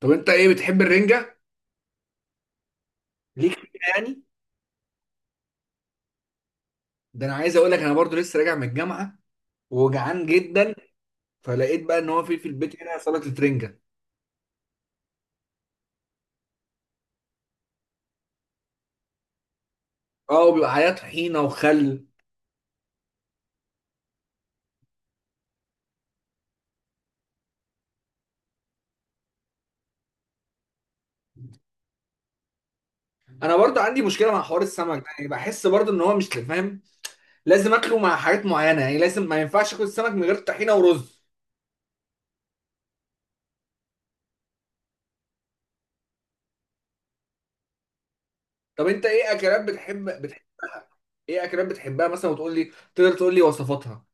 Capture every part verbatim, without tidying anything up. طب انت ايه، بتحب الرنجه؟ ليك فيها يعني؟ ده انا عايز اقول لك انا برضو لسه راجع من الجامعه وجعان جدا. فلقيت بقى ان هو في في البيت هنا سلطه رنجه. اه، وبيبقى عليها طحينه وخل. انا برضو عندي مشكله مع حوار السمك ده، يعني بحس برضو ان هو مش فاهم. لازم اكله مع حاجات معينه، يعني لازم، ما ينفعش اكل السمك من غير طحينه ورز. طب انت ايه اكلات بتحب, بتحب؟ ايه اكلات بتحبها مثلا وتقول لي؟ تقدر تقول لي وصفاتها؟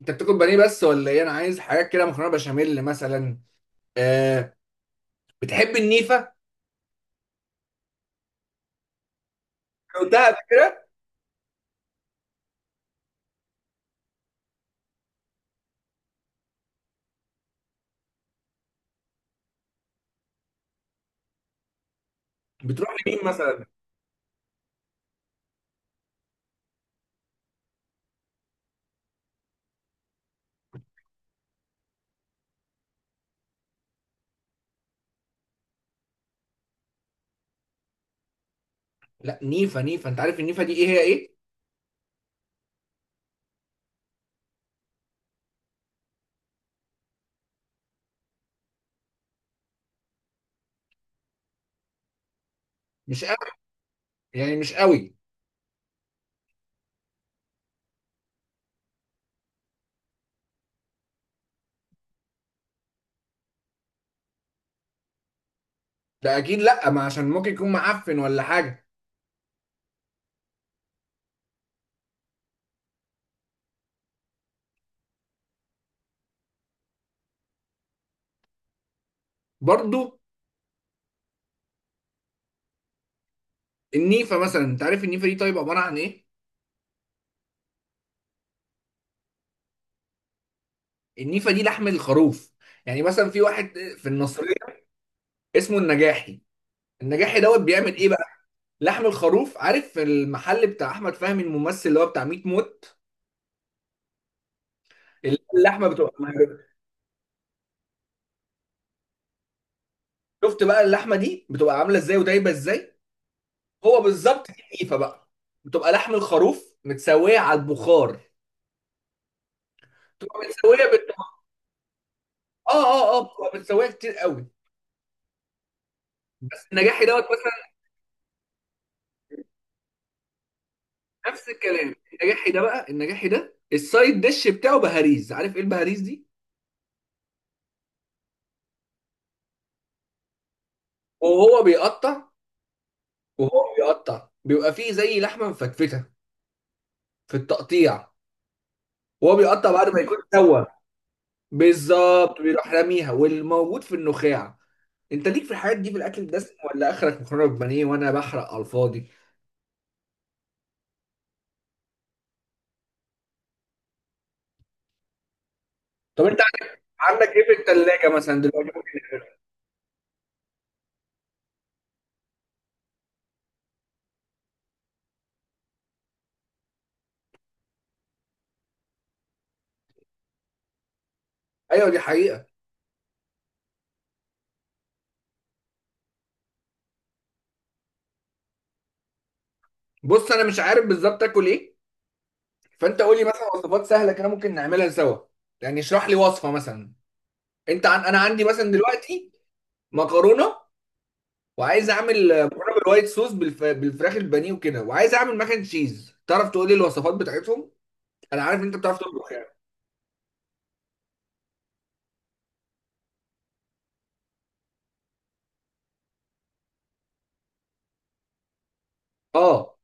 انت بتاكل بانيه بس ولا ايه؟ انا عايز حاجات كده مكرونه بشاميل مثلا. آه، بتحب النيفه؟ قلتها قبل كده؟ بتروح لمين مثلا؟ لا، نيفا نيفا انت عارف النيفا دي ايه، هي ايه؟ مش قوي. يعني مش قوي. ده اكيد لا، ما عشان ممكن يكون معفن ولا حاجه. برضو. النيفا مثلا انت عارف النيفا دي طيب عباره عن ايه؟ النيفا دي لحم الخروف. يعني مثلا في واحد في النصريه اسمه النجاحي. النجاحي دوت بيعمل ايه بقى؟ لحم الخروف، عارف المحل بتاع احمد فهمي الممثل اللي هو بتاع مية موت؟ اللحمه بتبقى. شفت بقى اللحمه دي بتبقى عامله ازاي ودايبه ازاي؟ هو بالظبط دي النيفه بقى. بتبقى لحم الخروف متسويه على البخار. بتبقى متسويه بت... اه اه اه بتبقى متسويه كتير قوي. بس النجاحي دوت مثلا. نفس الكلام، النجاحي ده بقى، النجاحي ده السايد ديش بتاعه بهاريز، عارف ايه البهاريز دي؟ وهو بيقطع وهو بيقطع بيبقى فيه زي لحمه مفتفته في التقطيع. وهو بيقطع بعد ما يكون سوى. بالظبط بيروح راميها والموجود في النخاع. انت ليك في الحاجات دي في الاكل الدسم ولا اخرك مكرونه بانيه وانا بحرق على الفاضي؟ طب انت عندك ايه في الثلاجه مثلا دلوقتي ممكن نعمله؟ ايوه دي حقيقه. بص انا مش عارف بالظبط اكل ايه. فانت قول لي مثلا وصفات سهله كده ممكن نعملها سوا. يعني اشرح لي وصفه مثلا. انت عن... انا عندي مثلا دلوقتي مكرونه. وعايز اعمل آه، مكرونه بالوايت صوص بالف... بالفراخ البانيه وكده. وعايز اعمل ماكن تشيز، تعرف تقول لي الوصفات بتاعتهم؟ انا عارف ان انت بتعرف تطبخ يعني. اه،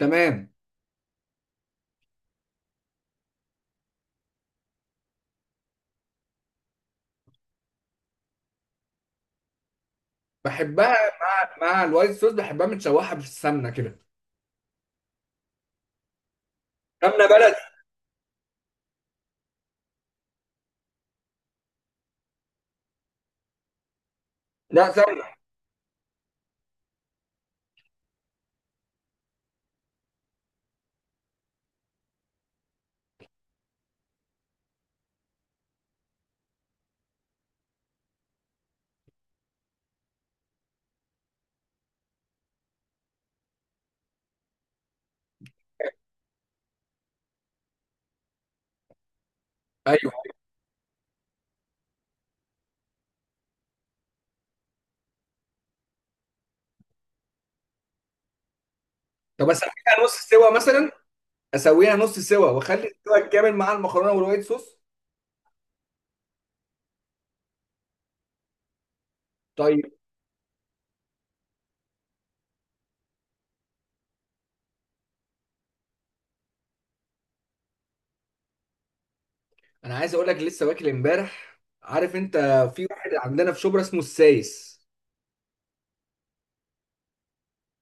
تمام. بحبها مع مع الوايت صوص. بحبها متشوحه في السمنه كده. سمنه بلدي. لا، سمنه. ايوه. طب اسويها نص سوا مثلا. اسويها نص سوا واخلي السوا الكامل مع المكرونه والوايت صوص. طيب. انا عايز اقول لك لسه واكل امبارح، عارف انت. في واحد عندنا في شبرا اسمه السايس.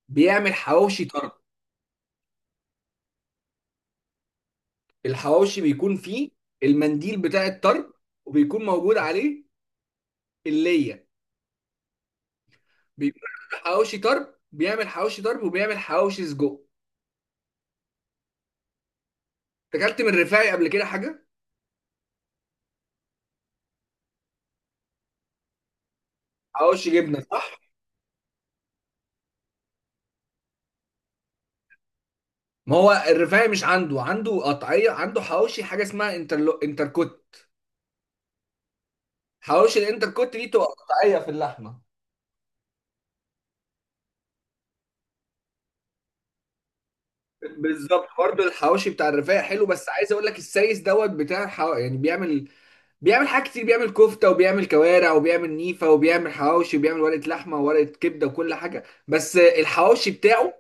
بيعمل حواوشي طرب. الحواوشي بيكون فيه المنديل بتاع الطرب. وبيكون موجود عليه الليه. بيكون عنده حواوشي طرب، بيعمل حواوشي طرب وبيعمل حواوشي سجق. أنت اكلت من الرفاعي قبل كده حاجه؟ حواوشي جبنه صح؟ ما هو الرفاعي مش عنده، عنده قطعيه، عنده حواوشي حاجه اسمها انترلو انتركوت. حواوشي الانتر كوت دي تبقى قطعيه في اللحمه. بالظبط، برضه الحواوشي بتاع الرفاعي حلو، بس عايز اقول لك السايس دوت بتاع الحوا... يعني بيعمل. بيعمل حاجات كتير، بيعمل كفته وبيعمل كوارع وبيعمل نيفه وبيعمل حواوشي وبيعمل ورقه لحمه وورقه كبده وكل حاجه، بس الحواوشي بتاعه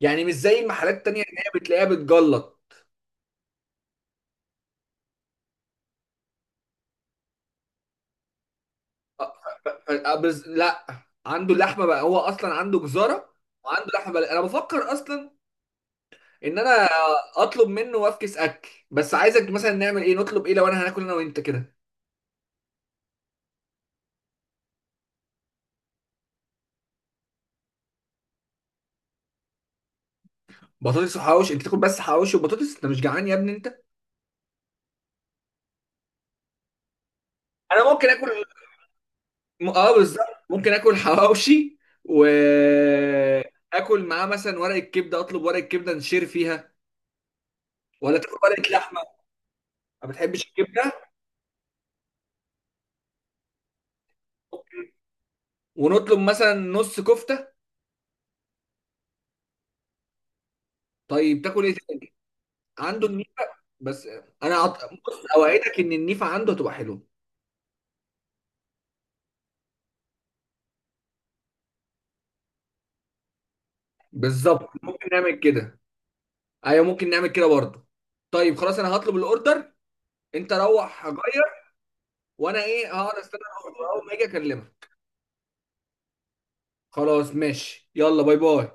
يعني مش زي المحلات التانيه اللي هي بتلاقيها بتجلط. أ- ف- ف- أ- بز... لا. عنده اللحمه بقى، هو اصلا عنده جزاره. وعنده لحمه بقى. انا بفكر اصلا ان انا اطلب منه وافكس اكل، بس عايزك مثلا نعمل ايه، نطلب ايه لو انا هناكل انا وانت كده؟ بطاطس وحواوشي، انت تاكل بس حواوشي وبطاطس، انت مش جعان يا ابني انت. انا ممكن اكل م- اه بالظبط ممكن اكل حواوشي. و اكل معاه مثلا ورقه كبده، اطلب ورقه كبده نشير فيها. ولا تاكل ورقه لحمه؟ ما بتحبش الكبده؟ ونطلب مثلا نص كفته. طيب تاكل ايه تاني؟ عنده النيفه. بس انا عط... بص اوعدك ان النيفه عنده هتبقى حلوه. بالظبط ممكن نعمل كده. ايوه ممكن نعمل كده برضه. طيب خلاص انا هطلب الاوردر. انت روح غير. وانا ايه هقعد استنى. اول ما اجي اكلمها. خلاص ماشي، يلا باي باي.